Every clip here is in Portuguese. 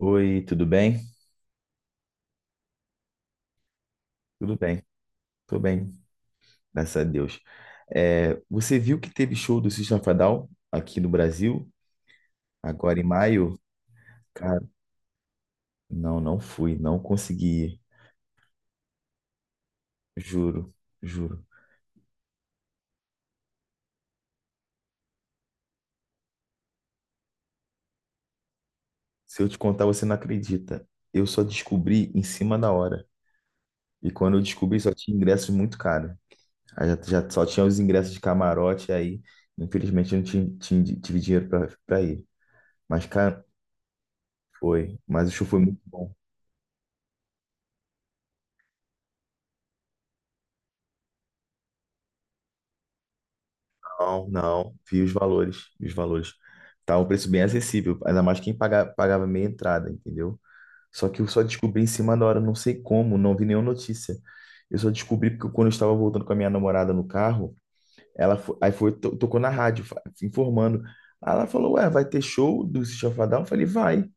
Oi, tudo bem? Tudo bem, tô bem, graças a Deus. É, você viu que teve show do System of a Down aqui no Brasil, agora em maio? Cara, não, não fui, não consegui, ir. Juro, juro. Se eu te contar, você não acredita. Eu só descobri em cima da hora. E quando eu descobri, só tinha ingressos muito caros. Aí já só tinha os ingressos de camarote, aí, infelizmente, eu não tinha, tive dinheiro para pra ir. Mas, cara, foi. Mas o show foi muito bom. Não, não, vi os valores, vi os valores. Tá um preço bem acessível, ainda mais quem paga, pagava meia entrada, entendeu? Só que eu só descobri em cima da hora, não sei como, não vi nenhuma notícia. Eu só descobri porque quando eu estava voltando com a minha namorada no carro, ela aí foi, tocou na rádio, informando. Aí ela falou, ué, vai ter show do System of a Down? Eu falei, vai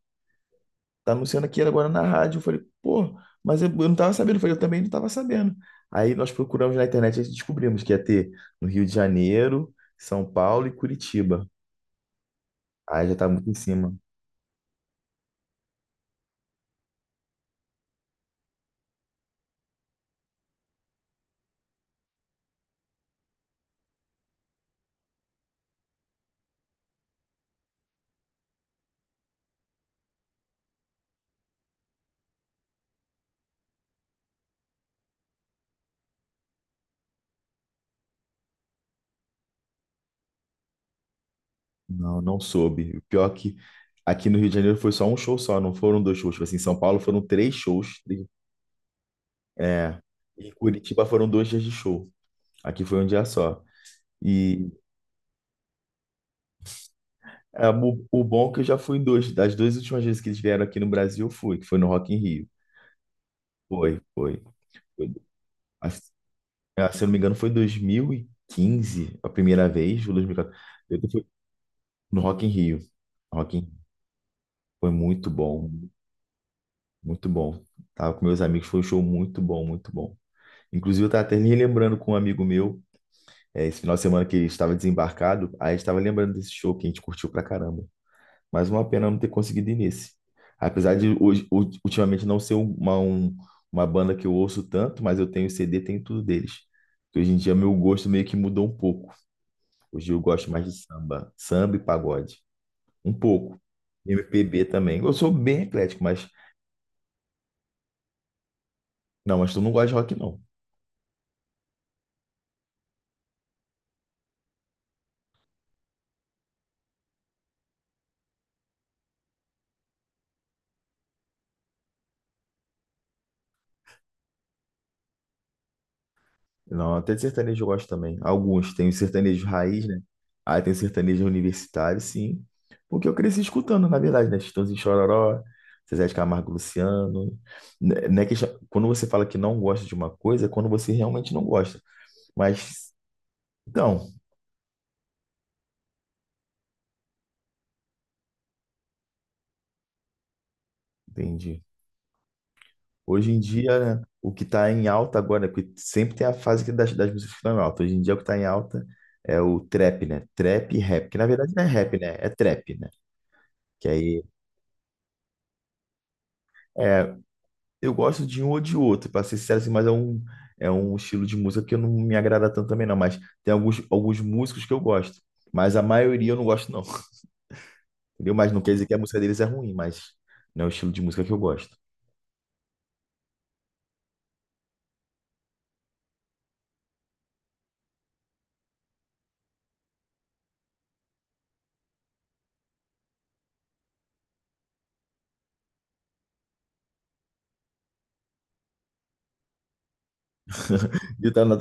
tá anunciando aqui agora na rádio. Eu falei, pô, mas eu não tava sabendo. Eu falei, eu também não tava sabendo. Aí nós procuramos na internet e descobrimos que ia ter no Rio de Janeiro, São Paulo e Curitiba. Aí já tá muito em cima. Não, não soube. O pior é que aqui no Rio de Janeiro foi só um show só, não foram dois shows. Tipo assim, em São Paulo foram três shows. É, e em Curitiba foram dois dias de show. Aqui foi um dia só. E o bom é que eu já fui em dois. Das duas últimas vezes que eles vieram aqui no Brasil, eu fui, que foi no Rock in Rio. Foi, foi. Ah, se ah, se eu não me engano, foi 2015 a primeira vez, ou 2014. Eu fui no Rock in Rio. Rock in Rio foi muito bom, muito bom. Tava com meus amigos, foi um show muito bom, muito bom. Inclusive, eu tava até relembrando com um amigo meu, esse final de semana que ele estava desembarcado, aí a gente tava lembrando desse show que a gente curtiu pra caramba. Mas uma pena não ter conseguido ir nesse. Apesar de ultimamente não ser uma banda que eu ouço tanto, mas eu tenho CD, tenho tudo deles. Hoje em dia, meu gosto meio que mudou um pouco. O Gil gosta mais de samba, samba e pagode. Um pouco. MPB também. Eu sou bem eclético, mas. Não, mas tu não gosta de rock, não. Não, até de sertanejo eu gosto também. Alguns. Tem o sertanejo raiz, né? Aí tem o sertanejo universitário, sim. Porque eu cresci escutando, na verdade, né? Chitãozinho e Chororó, Zezé de Camargo e Luciano. Quando você fala que não gosta de uma coisa, é quando você realmente não gosta. Mas, então, entendi. Hoje em dia, né, o que está em alta agora, porque sempre tem a fase que das músicas que estão em alta. Hoje em dia, o que está em alta é o trap, né? Trap e rap, que na verdade não é rap, né? É trap, né? Que aí, é, eu gosto de um ou de outro, para ser sincero, assim, mas é um estilo de música que eu não me agrada tanto também, não. Mas tem alguns músicos que eu gosto, mas a maioria eu não gosto, não. Entendeu? Mas não quer dizer que a música deles é ruim, mas não é o estilo de música que eu gosto. E tá na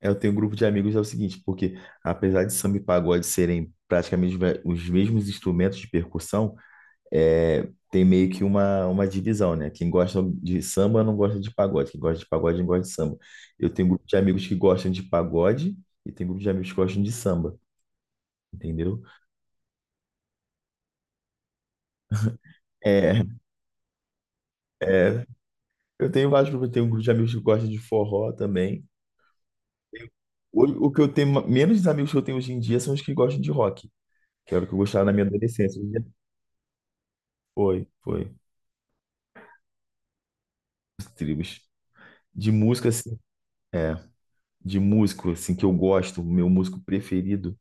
Eu tenho um grupo de amigos, é o seguinte, porque apesar de samba e pagode serem praticamente os mesmos instrumentos de percussão, é, tem meio que uma divisão, né? Quem gosta de samba não gosta de pagode, quem gosta de pagode não gosta de samba. Eu tenho um grupo de amigos que gostam de pagode e tem grupo de amigos que gostam de samba, entendeu? É, é, eu tenho vários grupos, eu tenho um grupo de amigos que gostam de forró também. Hoje, o que eu tenho, menos amigos que eu tenho hoje em dia são os que gostam de rock, que era o que eu gostava na minha adolescência. Foi, foi. Tribos. De música, assim, é, de músico, assim, que eu gosto, meu músico preferido,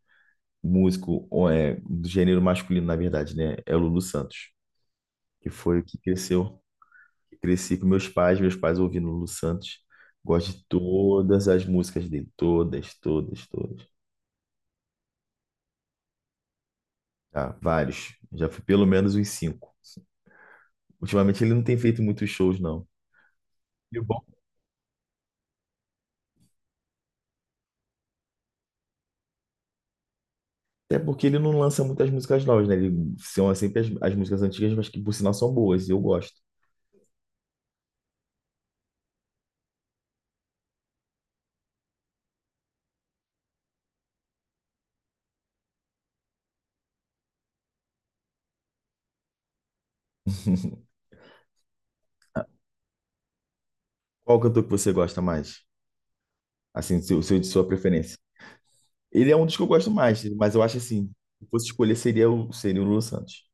músico ó, do gênero masculino, na verdade, né? É o Lulu Santos, que foi o que cresceu. Cresci com meus pais ouvindo Lulu Santos. Gosto de todas as músicas dele, todas, todas, todas. Ah, vários. Já fui pelo menos uns cinco. Ultimamente ele não tem feito muitos shows, não. E o bom. Até porque ele não lança muitas músicas novas, né? Ele são sempre as músicas antigas, mas que por sinal são boas, e eu gosto. Qual cantor que você gosta mais? Assim, o seu de sua preferência. Ele é um dos que eu gosto mais, mas eu acho assim, se fosse escolher seria o Lulu Santos.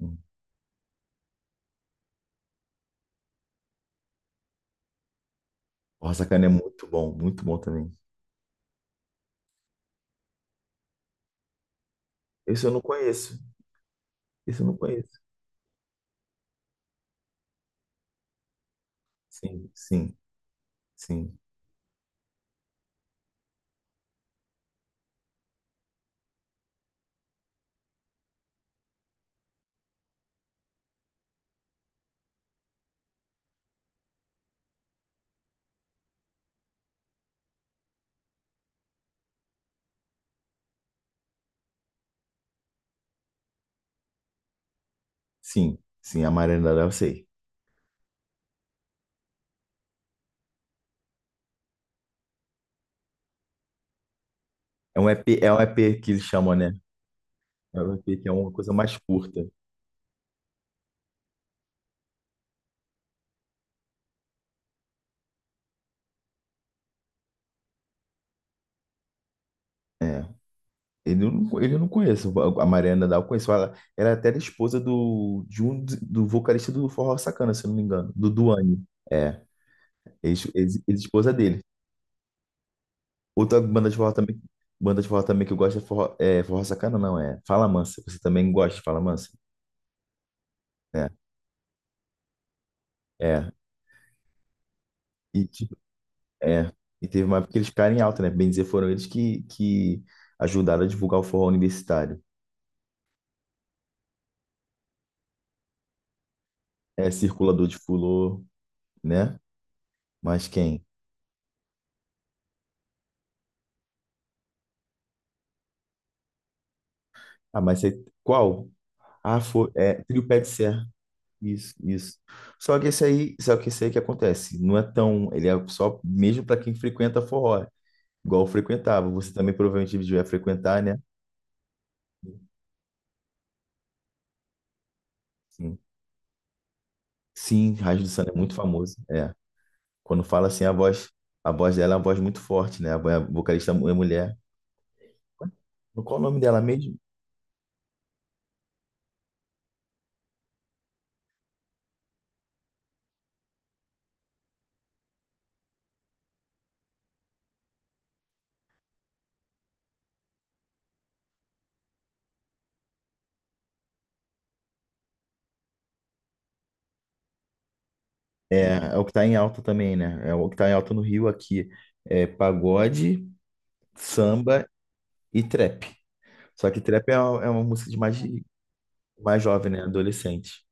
Hum. Porra, Sacana é muito bom também. Esse eu não conheço. Esse eu não conheço. Sim, sim, sim. Sim, sim, a Maranada eu sei. É um EP, é um EP que eles chamam, né? É um EP que é uma coisa mais curta. É. Ele eu não conheço. A Mariana Dal eu conheço. Ela é até era esposa do, de um, do vocalista do Forró Sacana, se eu não me engano. Do Duane. É. Ex, esposa dele. Outra banda de forró também que eu gosto é Forró Sacana, não, é Fala Mansa. Você também gosta de Fala Mansa? É. É. É, e teve uma época que eles ficaram em alta, né? Bem dizer, foram eles que ajudaram a divulgar o forró universitário. É, Circulador de Fulô, né? Mas quem? Ah, mas você, qual? Ah, foi. É, Trio Pé de Serra. Isso, isso. Só que esse aí que acontece, não é tão. Ele é só mesmo para quem frequenta forró, igual eu frequentava. Você também provavelmente devia frequentar, né? Sim, sim, Raiz do Samba é muito famoso. É, quando fala assim, a voz. A voz dela é uma voz muito forte, né? A vocalista é mulher. Qual o nome dela mesmo? É, é o que tá em alta também, né? É o que tá em alta no Rio aqui. É pagode, samba e trap. Só que trap é uma música de mais jovem, né? Adolescente.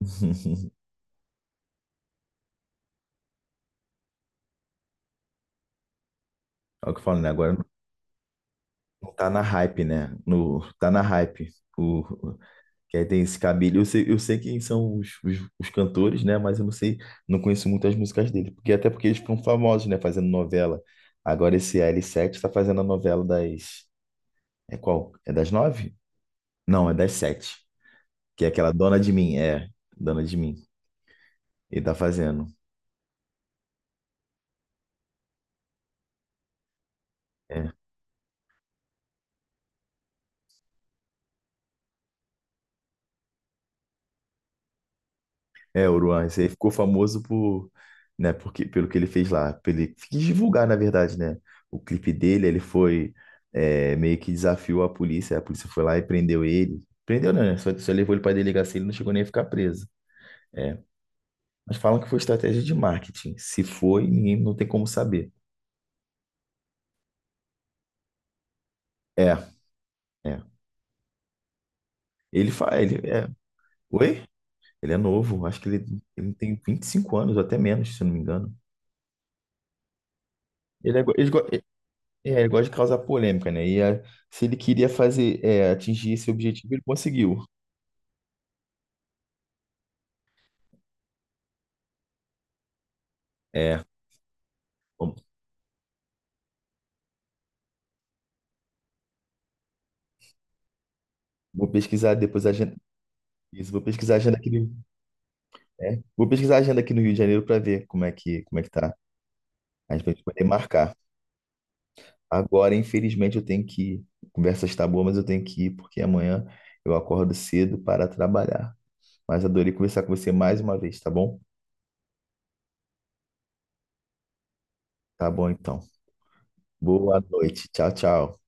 É o que eu falo, né? Agora não tá na hype, né? No, tá na hype. O, o- que aí tem esse cabelo. Eu sei quem são os cantores, né? Mas eu não sei, não conheço muitas músicas dele. Porque, até porque eles ficam famosos, né? Fazendo novela. Agora esse L7 tá fazendo a novela das. É qual? É das nove? Não, é das sete. Que é aquela dona de mim. É, dona de mim. Ele tá fazendo. É, é o Ruan, esse aí ficou famoso por, né, porque, pelo que ele fez lá. Pelo, ele quis divulgar, na verdade, né? O clipe dele, ele foi meio que desafiou a polícia. A polícia foi lá e prendeu ele. Prendeu, não, né? Só levou ele pra delegacia, ele não chegou nem a ficar preso. É. Mas falam que foi estratégia de marketing. Se foi, ninguém não tem como saber. É, é. Ele faz, ele. É. Oi? Ele é novo, acho que ele tem 25 anos, ou até menos, se eu não me engano. Ele, é, go- ele, go- é, Ele gosta de causar polêmica, né? E se ele queria fazer, atingir esse objetivo, ele conseguiu. É, bom, vou pesquisar depois a agenda. Isso, vou pesquisar a agenda aqui no, vou pesquisar a agenda aqui no Rio de Janeiro para ver como é que tá. A gente vai poder marcar. Agora, infelizmente, eu tenho que ir. A conversa está boa, mas eu tenho que ir, porque amanhã eu acordo cedo para trabalhar. Mas adorei conversar com você mais uma vez, tá bom? Tá bom, então. Boa noite. Tchau, tchau.